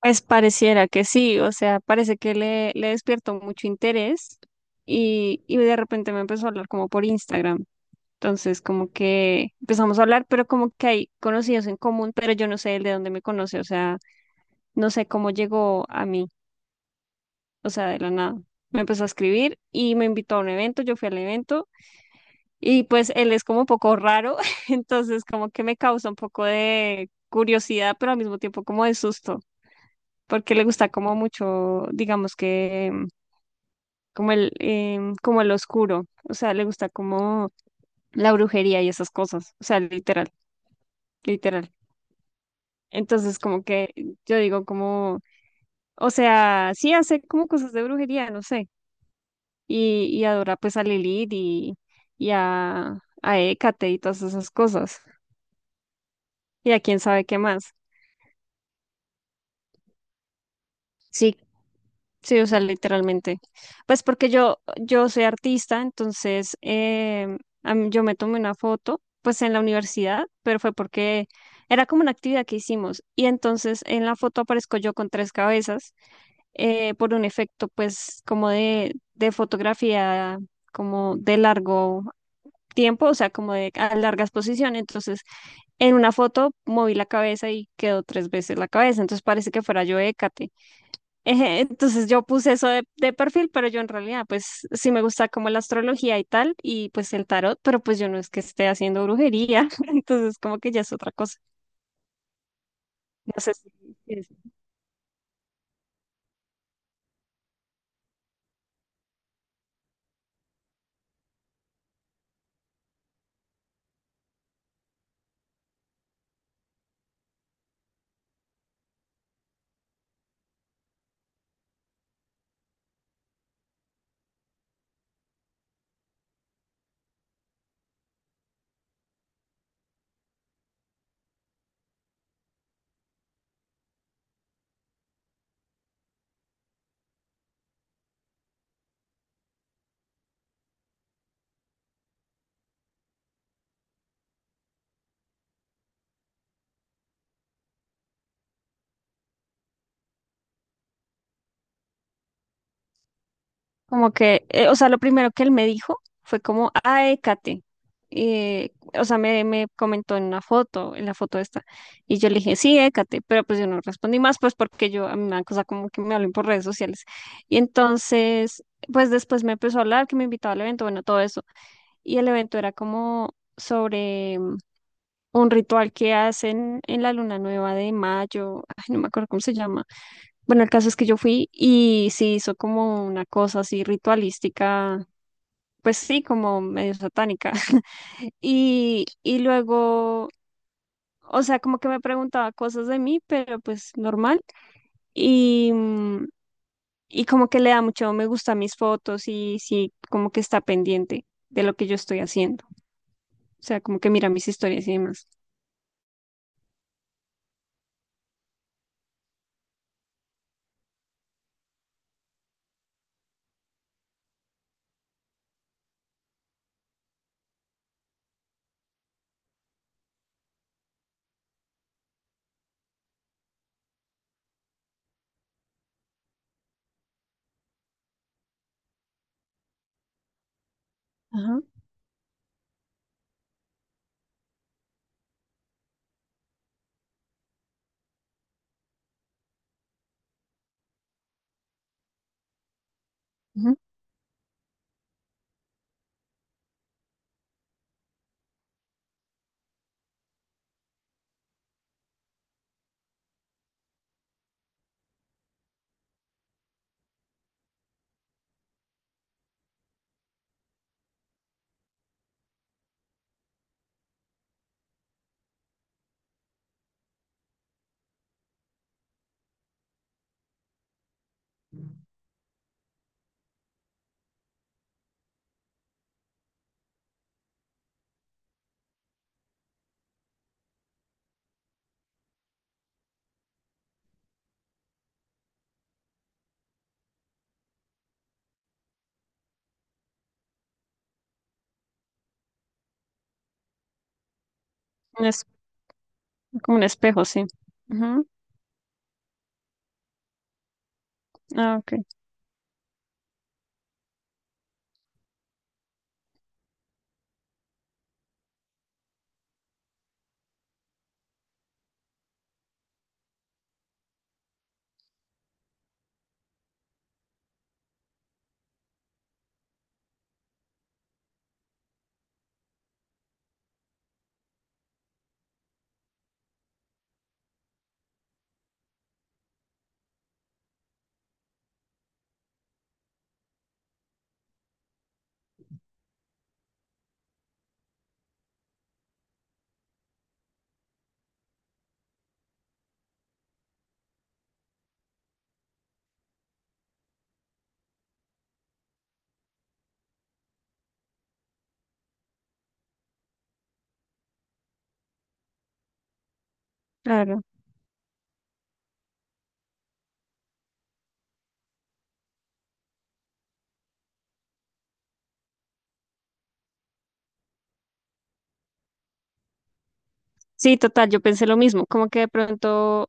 Pues pareciera que sí, o sea, parece que le despierto mucho interés y de repente me empezó a hablar como por Instagram. Entonces, como que empezamos a hablar, pero como que hay conocidos en común, pero yo no sé él de dónde me conoce, o sea, no sé cómo llegó a mí, o sea, de la nada. Me empezó a escribir y me invitó a un evento, yo fui al evento y pues él es como un poco raro, entonces como que me causa un poco de curiosidad, pero al mismo tiempo como de susto porque le gusta como mucho, digamos que como el, como el oscuro, o sea, le gusta como la brujería y esas cosas, o sea, literal, literal. Entonces, como que yo digo como, o sea, sí hace como cosas de brujería, no sé, y adora pues a Lilith y a Hécate y todas esas cosas, y a quién sabe qué más. Sí, sí, o sea, literalmente. Pues porque yo soy artista, entonces a mí- yo me tomé una foto, pues en la universidad, pero fue porque era como una actividad que hicimos. Y entonces en la foto aparezco yo con tres cabezas por un efecto, pues como de fotografía, como de largo tiempo, o sea, como de a larga exposición. Entonces en una foto moví la cabeza y quedó tres veces la cabeza, entonces parece que fuera yo Hécate. Eje, entonces yo puse eso de perfil, pero yo en realidad pues sí me gusta como la astrología y tal, y pues el tarot, pero pues yo no es que esté haciendo brujería, entonces como que ya es otra cosa. No sé si es como que, o sea, lo primero que él me dijo fue como, ay, Kate, eh, o sea, me comentó en una foto, en la foto esta, y yo le dije, sí, Écate, pero pues yo no respondí más, pues porque yo, a mí me da cosa como que me hablen por redes sociales. Y entonces, pues después me empezó a hablar, que me invitaba al evento, bueno, todo eso. Y el evento era como sobre un ritual que hacen en la luna nueva de mayo, ay, no me acuerdo cómo se llama. Bueno, el caso es que yo fui y se hizo como una cosa así ritualística, pues sí, como medio satánica. Y, y luego, o sea, como que me preguntaba cosas de mí, pero pues normal. Y, y como que le da mucho me gusta a mis fotos y sí, como que está pendiente de lo que yo estoy haciendo. O sea, como que mira mis historias y demás. Ajá. Ujú. Un es- como un espejo, sí. Ujú. Ah, ok, claro. Sí, total, yo pensé lo mismo, como que de pronto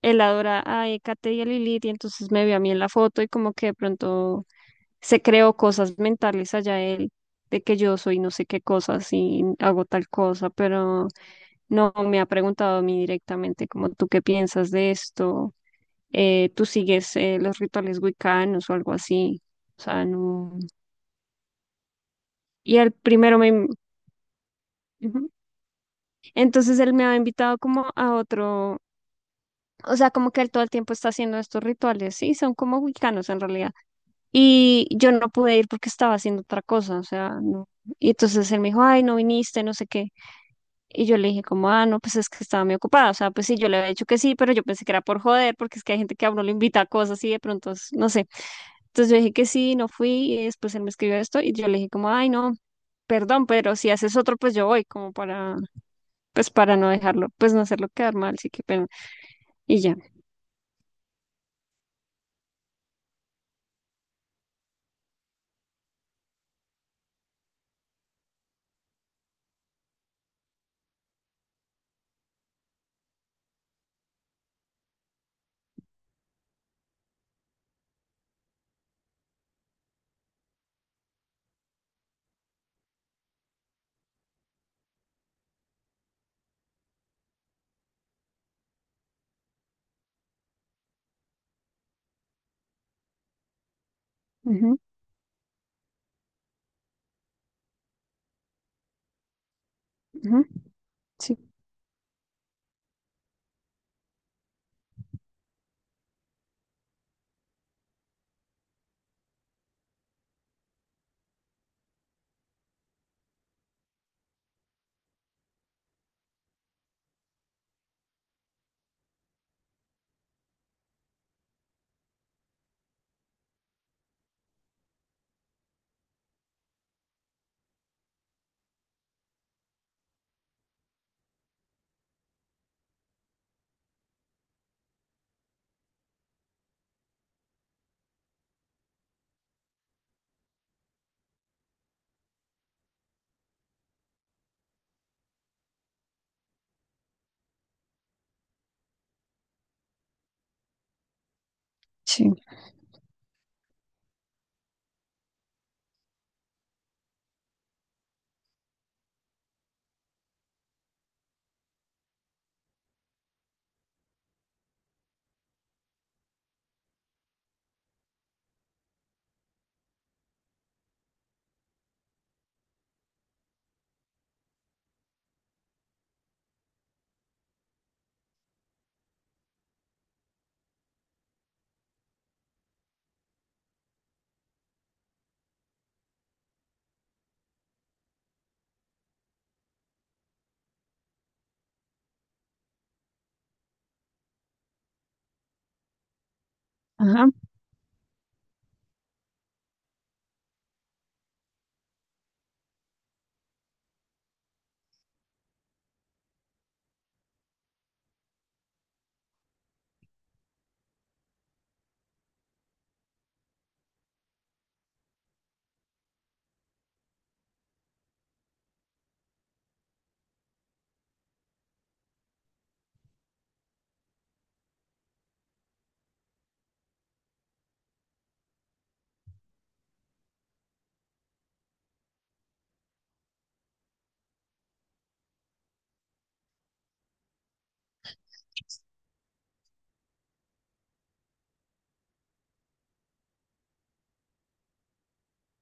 él adora a Ecate y a Lilith y entonces me vio a mí en la foto y como que de pronto se creó cosas mentales allá él de que yo soy no sé qué cosas y hago tal cosa, pero no me ha preguntado a mí directamente como tú qué piensas de esto, tú sigues los rituales wiccanos o algo así, o sea, no. Y el primero me... in- Ujú. Entonces él me ha invitado como a otro, o sea, como que él todo el tiempo está haciendo estos rituales, sí, son como wiccanos en realidad. Y yo no pude ir porque estaba haciendo otra cosa, o sea, no. Y entonces él me dijo, ay, no viniste, no sé qué. Y yo le dije como, ah, no, pues es que estaba muy ocupada. O sea, pues sí, yo le había dicho que sí, pero yo pensé que era por joder, porque es que hay gente que a uno le invita a cosas y de pronto, es- no sé. Entonces yo dije que sí, no fui y después él me escribió esto y yo le dije como, ay, no, perdón, pero si haces otro, pues yo voy, como para, pues para no dejarlo, pues no hacerlo quedar mal, sí, qué pena. Y ya. Ujú, ujú, sí, sí, ajá,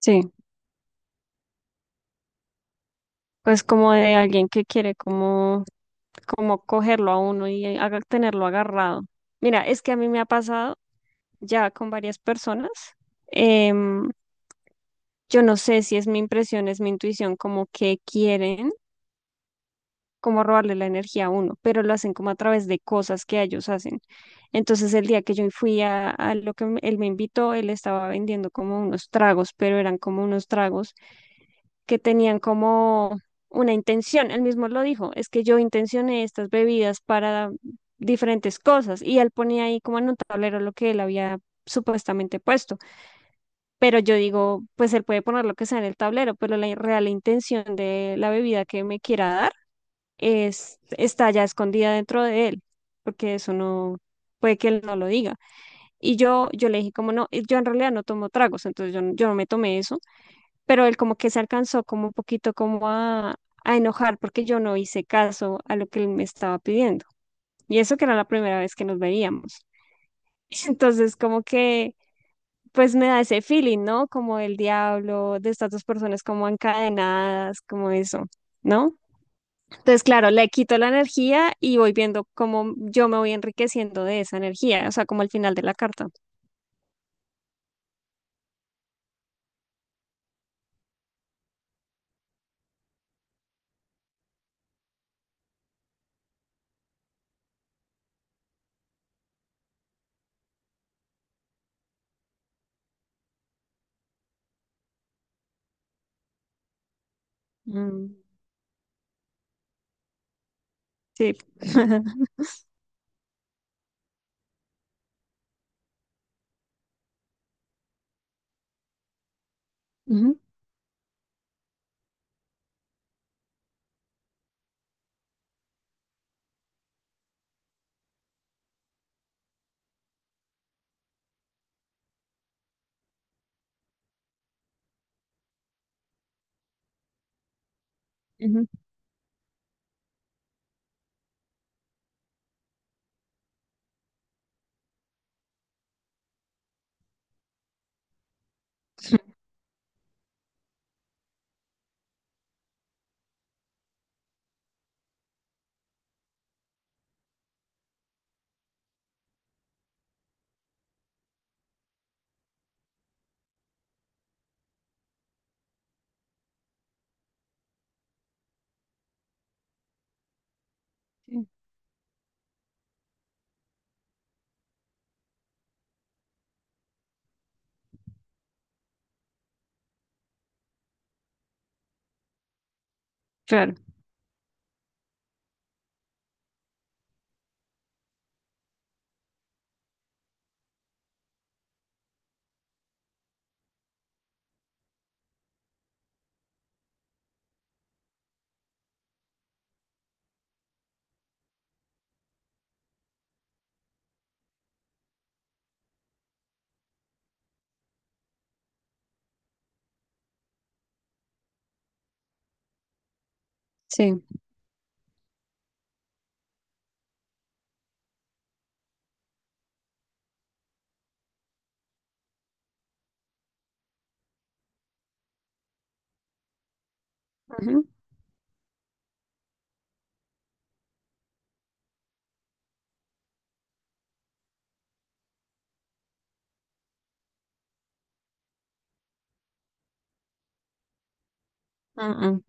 sí. Pues como de alguien que quiere como, como cogerlo a uno y haga- tenerlo agarrado. Mira, es que a mí me ha pasado ya con varias personas. em, yo no sé si es mi impresión, es mi intuición, como que quieren como robarle la energía a uno, pero lo hacen como a través de cosas que ellos hacen. Entonces el día que yo fui a lo que me- él me invitó, él estaba vendiendo como unos tragos, pero eran como unos tragos que tenían como una intención. Él mismo lo dijo, es que yo intencioné estas bebidas para diferentes cosas y él ponía ahí como en un tablero lo que él había supuestamente puesto. Pero yo digo, pues él puede poner lo que sea en el tablero, pero la real intención de la bebida que me quiera dar es, está ya escondida dentro de él, porque eso no, puede que él no lo diga. Y yo le dije como no, yo en realidad no tomo tragos, entonces yo, no- yo no me tomé eso, pero él como que se alcanzó como un poquito como a enojar porque yo no hice caso a lo que él me estaba pidiendo. Y eso que era la primera vez que nos veíamos. Entonces como que pues me da ese feeling, ¿no? Como el diablo, de estas dos personas como encadenadas, como eso, ¿no? Entonces, claro, le quito la energía y voy viendo cómo yo me voy enriqueciendo de esa energía, o sea, como al final de la carta. Mm, sí. Ujú, ujú, sí, claro, sí. Ujú. Mm,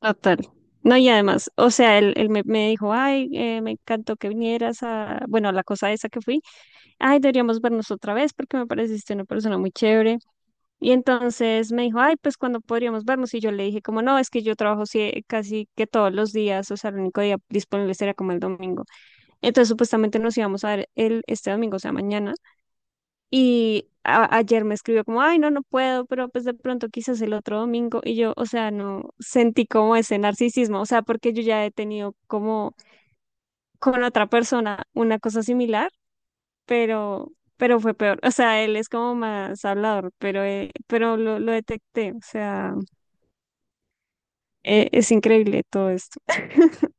total. No, y además, o sea, él, él me dijo, ay, me encantó que vinieras a, bueno, a la cosa esa que fui, ay, deberíamos vernos otra vez porque me pareciste una persona muy chévere. Y entonces me dijo, ay, pues cuando podríamos vernos. Y yo le dije, como no, es que yo trabajo sie- casi que todos los días, o sea, el único día disponible sería como el domingo. Entonces, supuestamente nos íbamos a ver el, este domingo, o sea, mañana. Y a- ayer me escribió como, ay, no, no puedo, pero pues de pronto quizás el otro domingo. Y yo, o sea, no sentí como ese narcisismo, o sea, porque yo ya he tenido como con otra persona una cosa similar, pero fue peor. O sea, él es como más hablador, pero lo detecté. O sea, es increíble todo esto.